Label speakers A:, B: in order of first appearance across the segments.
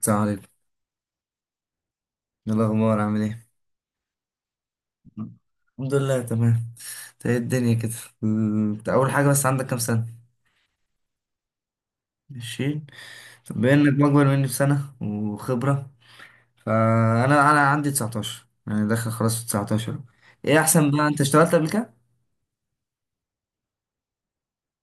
A: السلام عليكم. إيه الأخبار، عامل إيه؟ الحمد لله، تمام. إنت، إيه الدنيا كده؟ إنت أول حاجة، بس عندك كام سنة؟ عشرين. طب بما إنك أكبر مني بسنة وخبرة، فأنا أنا عندي تسعتاشر، يعني داخل خلاص في تسعتاشر. إيه أحسن بقى، أنت اشتغلت قبل كده؟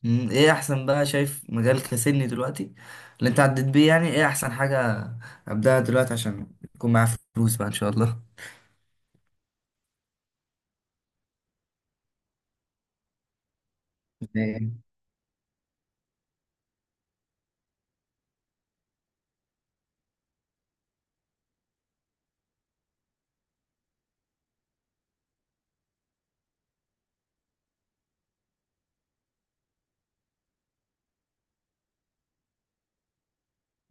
A: إيه أحسن بقى، شايف مجالك كسني دلوقتي اللي أنت عديت بيه، يعني إيه أحسن حاجة أبدأها دلوقتي عشان يكون معايا فلوس بقى إن شاء الله؟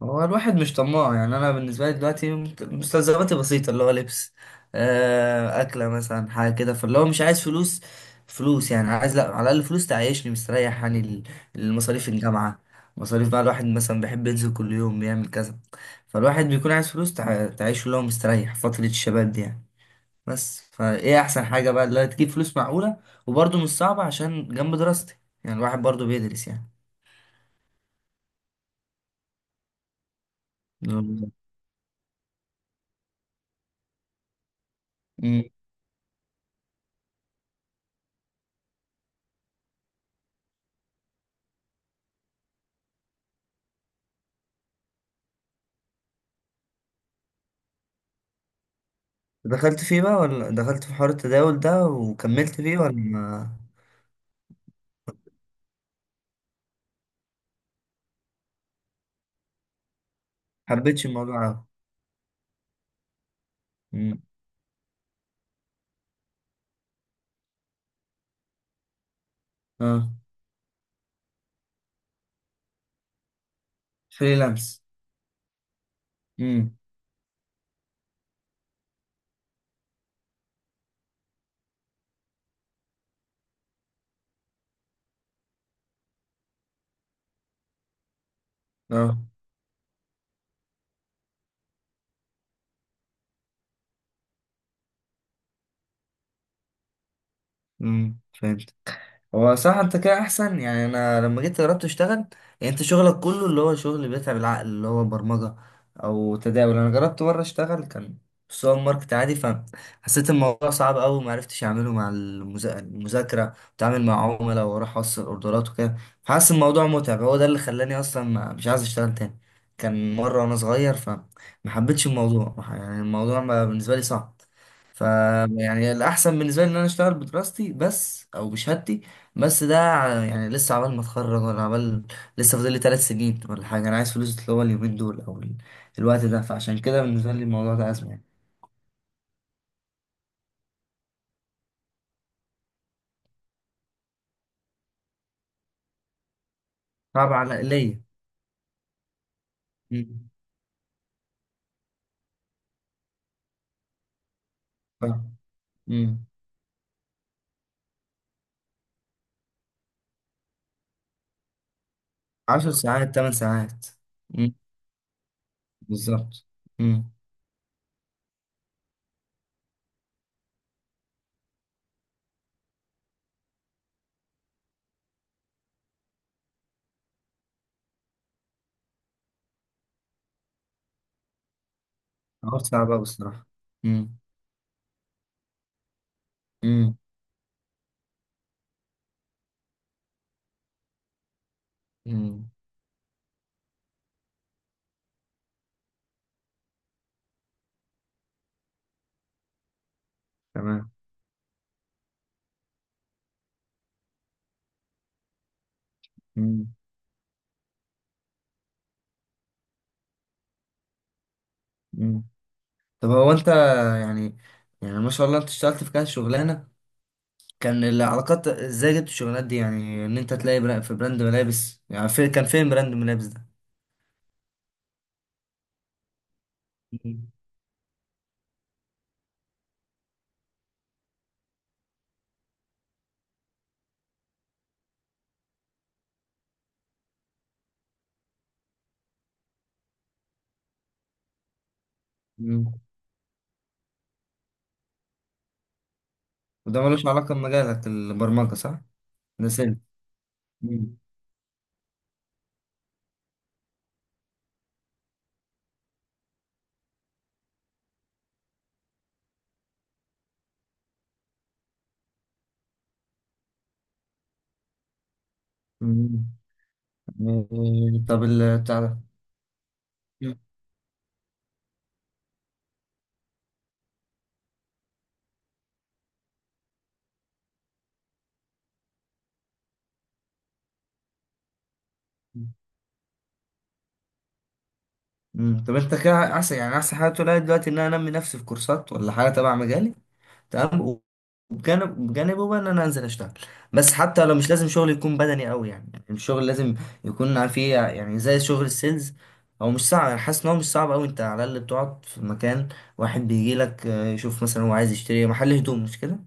A: هو الواحد مش طماع، يعني انا بالنسبه لي دلوقتي مستلزماتي بسيطه، اللي هو لبس، اكله، مثلا حاجه كده، فاللي هو مش عايز فلوس. فلوس يعني عايز، لا، على الاقل فلوس تعيشني مستريح، يعني المصاريف الجامعه، مصاريف بقى، الواحد مثلا بيحب ينزل كل يوم بيعمل كذا، فالواحد بيكون عايز فلوس تعيشه اللي هو مستريح فتره الشباب دي، يعني. بس فايه احسن حاجه بقى اللي هي تجيب فلوس معقوله، وبرضه مش صعبه عشان جنب دراستي، يعني الواحد برضه بيدرس، يعني. مم. دخلت فيه بقى، ولا دخلت في حوار التداول ده وكملت فيه، ولا ما حبيتش الموضوع أوي؟ مم. اه. فريلانس. امم. اه. امم، فهمت. هو صح، انت كده احسن. يعني انا لما جيت جربت اشتغل، يعني انت شغلك كله اللي هو شغل بيتعب العقل، اللي هو برمجة او تداول. انا جربت مرة اشتغل، كان في سوبر ماركت عادي، فحسيت الموضوع صعب قوي، وما عرفتش اعمله مع المذاكرة، واتعامل مع عملاء واروح اوصل اوردرات وكده. فحاسس الموضوع متعب، هو ده اللي خلاني اصلا ما مش عايز اشتغل تاني. كان مرة وانا صغير، فما حبيتش الموضوع، يعني الموضوع بالنسبة لي صعب. ف يعني الاحسن بالنسبه لي ان انا اشتغل بدراستي بس او بشهادتي بس. ده يعني لسه عبال ما اتخرج، ولا عبال لسه فاضل لي 3 سنين ولا حاجه. انا عايز فلوس اللي هو اليومين دول، او الوقت ده، فعشان كده بالنسبه لي الموضوع ده ازمه، يعني. صعب على ليا. مم. ف- مم. عشر ساعات، 8 ساعات. مم. بالظبط. مم. حوار صعب أوي الصراحه. مم. مم. مم. تمام. مم. مم. طب هو انت، يعني يعني ما شاء الله انت اشتغلت في كذا شغلانه. كان العلاقات ازاي جبت الشغلانات دي؟ يعني ان انت تلاقي في براند ملابس، يعني كان فين براند ملابس ده؟ مم. مم. وده ملوش علاقة بمجالك البرمجة، صح؟ نسيت. مم. مم. إيه، طب بتاع ده. مم. مم. طب انت كده احسن، يعني احسن حاجة تقولها لي دلوقتي ان انا انمي نفسي في كورسات ولا حاجة تبع مجالي، تمام، بجانبه بقى ان انا انزل اشتغل. بس حتى لو مش لازم شغل يكون بدني قوي، يعني الشغل لازم يكون فيه، يعني زي شغل السيلز. هو مش صعب، انا حاسس ان هو مش صعب قوي. انت على الاقل بتقعد في مكان واحد، بيجي لك يشوف مثلا هو عايز يشتري إيه. محل هدوم، مش كده؟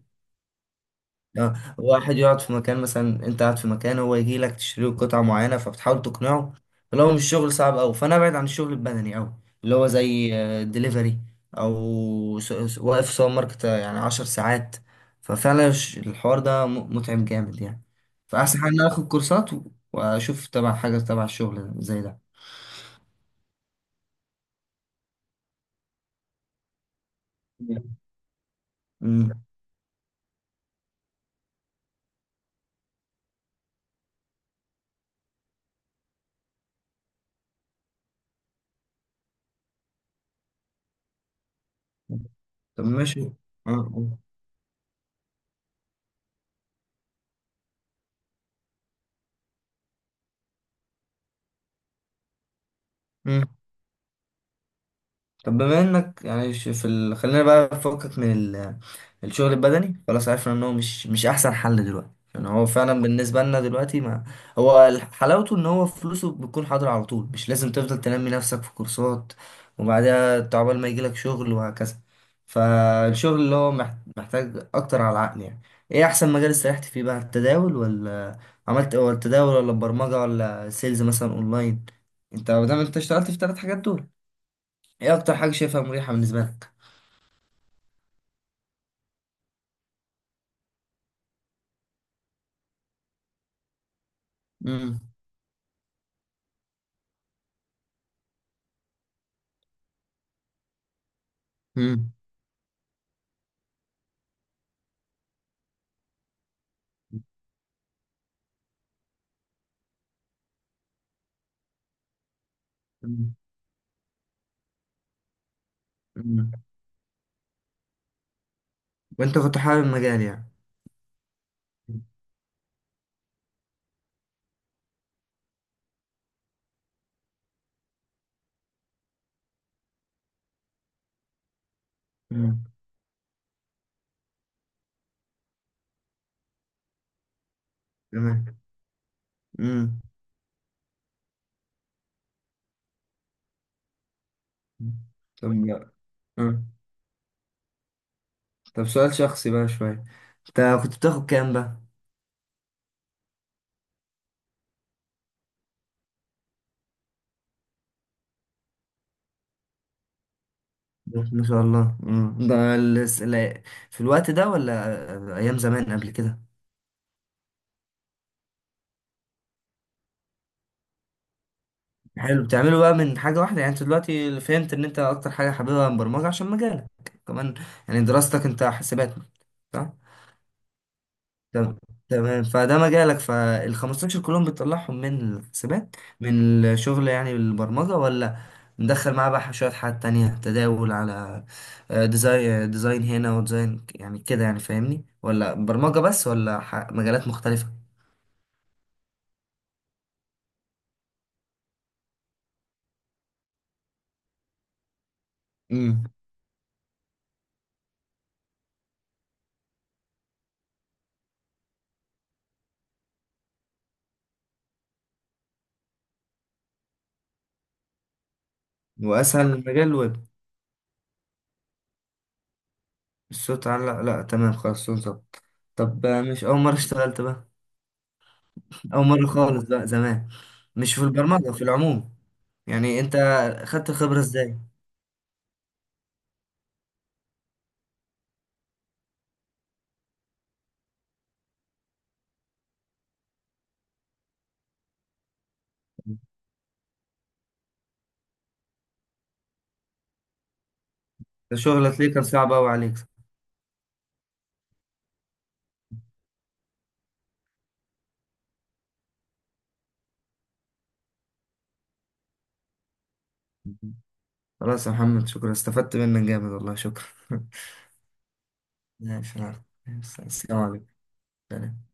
A: واحد يقعد في مكان، مثلا انت قاعد في مكان، هو يجي لك تشتري له قطعة معينة، فبتحاول تقنعه. لو مش شغل صعب أوي، فأنا أبعد عن الشغل البدني أوي، اللي هو زي دليفري، أو واقف سوبر ماركت، يعني 10 ساعات. ففعلا الحوار ده متعب جامد، يعني. فأحسن حاجة إن أنا آخد كورسات و- وأشوف تبع حاجة تبع الشغل زي ده. مم. طب ماشي. آه، آه. مم. طب بما انك، يعني في ال، خلينا بقى نفكك من ال. الشغل البدني خلاص، عرفنا ان هو مش احسن حل دلوقتي، يعني هو فعلا بالنسبه لنا دلوقتي، ما هو حلاوته ان هو فلوسه بتكون حاضره على طول، مش لازم تفضل تنمي نفسك في كورسات وبعدها تعبال ما يجيلك شغل وهكذا. فالشغل اللي هو محتاج اكتر على العقل، يعني. ايه احسن مجال استريحت فيه بقى؟ التداول ولا عملت، ولا التداول ولا البرمجه ولا سيلز مثلا اونلاين؟ انت ما دام انت اشتغلت في 3 حاجات دول، ايه اكتر حاجة شايفها مريحة بالنسبة لك؟ امم. امم. أمم. أمم. وانت كنت حابب المجال، يعني؟ امم. تمام. امم. طب. أمم. طب، سؤال شخصي بقى شوية، انت كنت بتاخد كام بقى؟ ما شاء الله. أمم. ده في الوقت ده، ولا ايام زمان قبل كده؟ حلو، بتعمله بقى من حاجة واحدة؟ يعني انت دلوقتي فهمت ان انت اكتر حاجة حاببها البرمجة عشان مجالك كمان، يعني دراستك انت حاسبات، صح؟ تم- تمام. فده مجالك، فال 15 كلهم بتطلعهم من الحسابات، من الشغل، يعني البرمجة، ولا مدخل معاه بقى شوية حاجات تانية، تداول على ديزاين، ديزاين هنا وديزاين يعني كده، يعني فاهمني، ولا برمجة بس، ولا مجالات مختلفة؟ امم. وأسهل مجال الويب. الصوت، على، لا, لا، تمام خلاص، صوت ظبط. طب مش أول مرة اشتغلت بقى؟ أول مرة خالص بقى زمان. مش في البرمجة في العموم، يعني أنت خدت الخبرة إزاي؟ ده شغلة ليكر صعب أوي عليك. خلاص يا محمد، شكرا، استفدت منك جامد والله، شكرا. ماشي يا عم. السلام عليكم. سلام.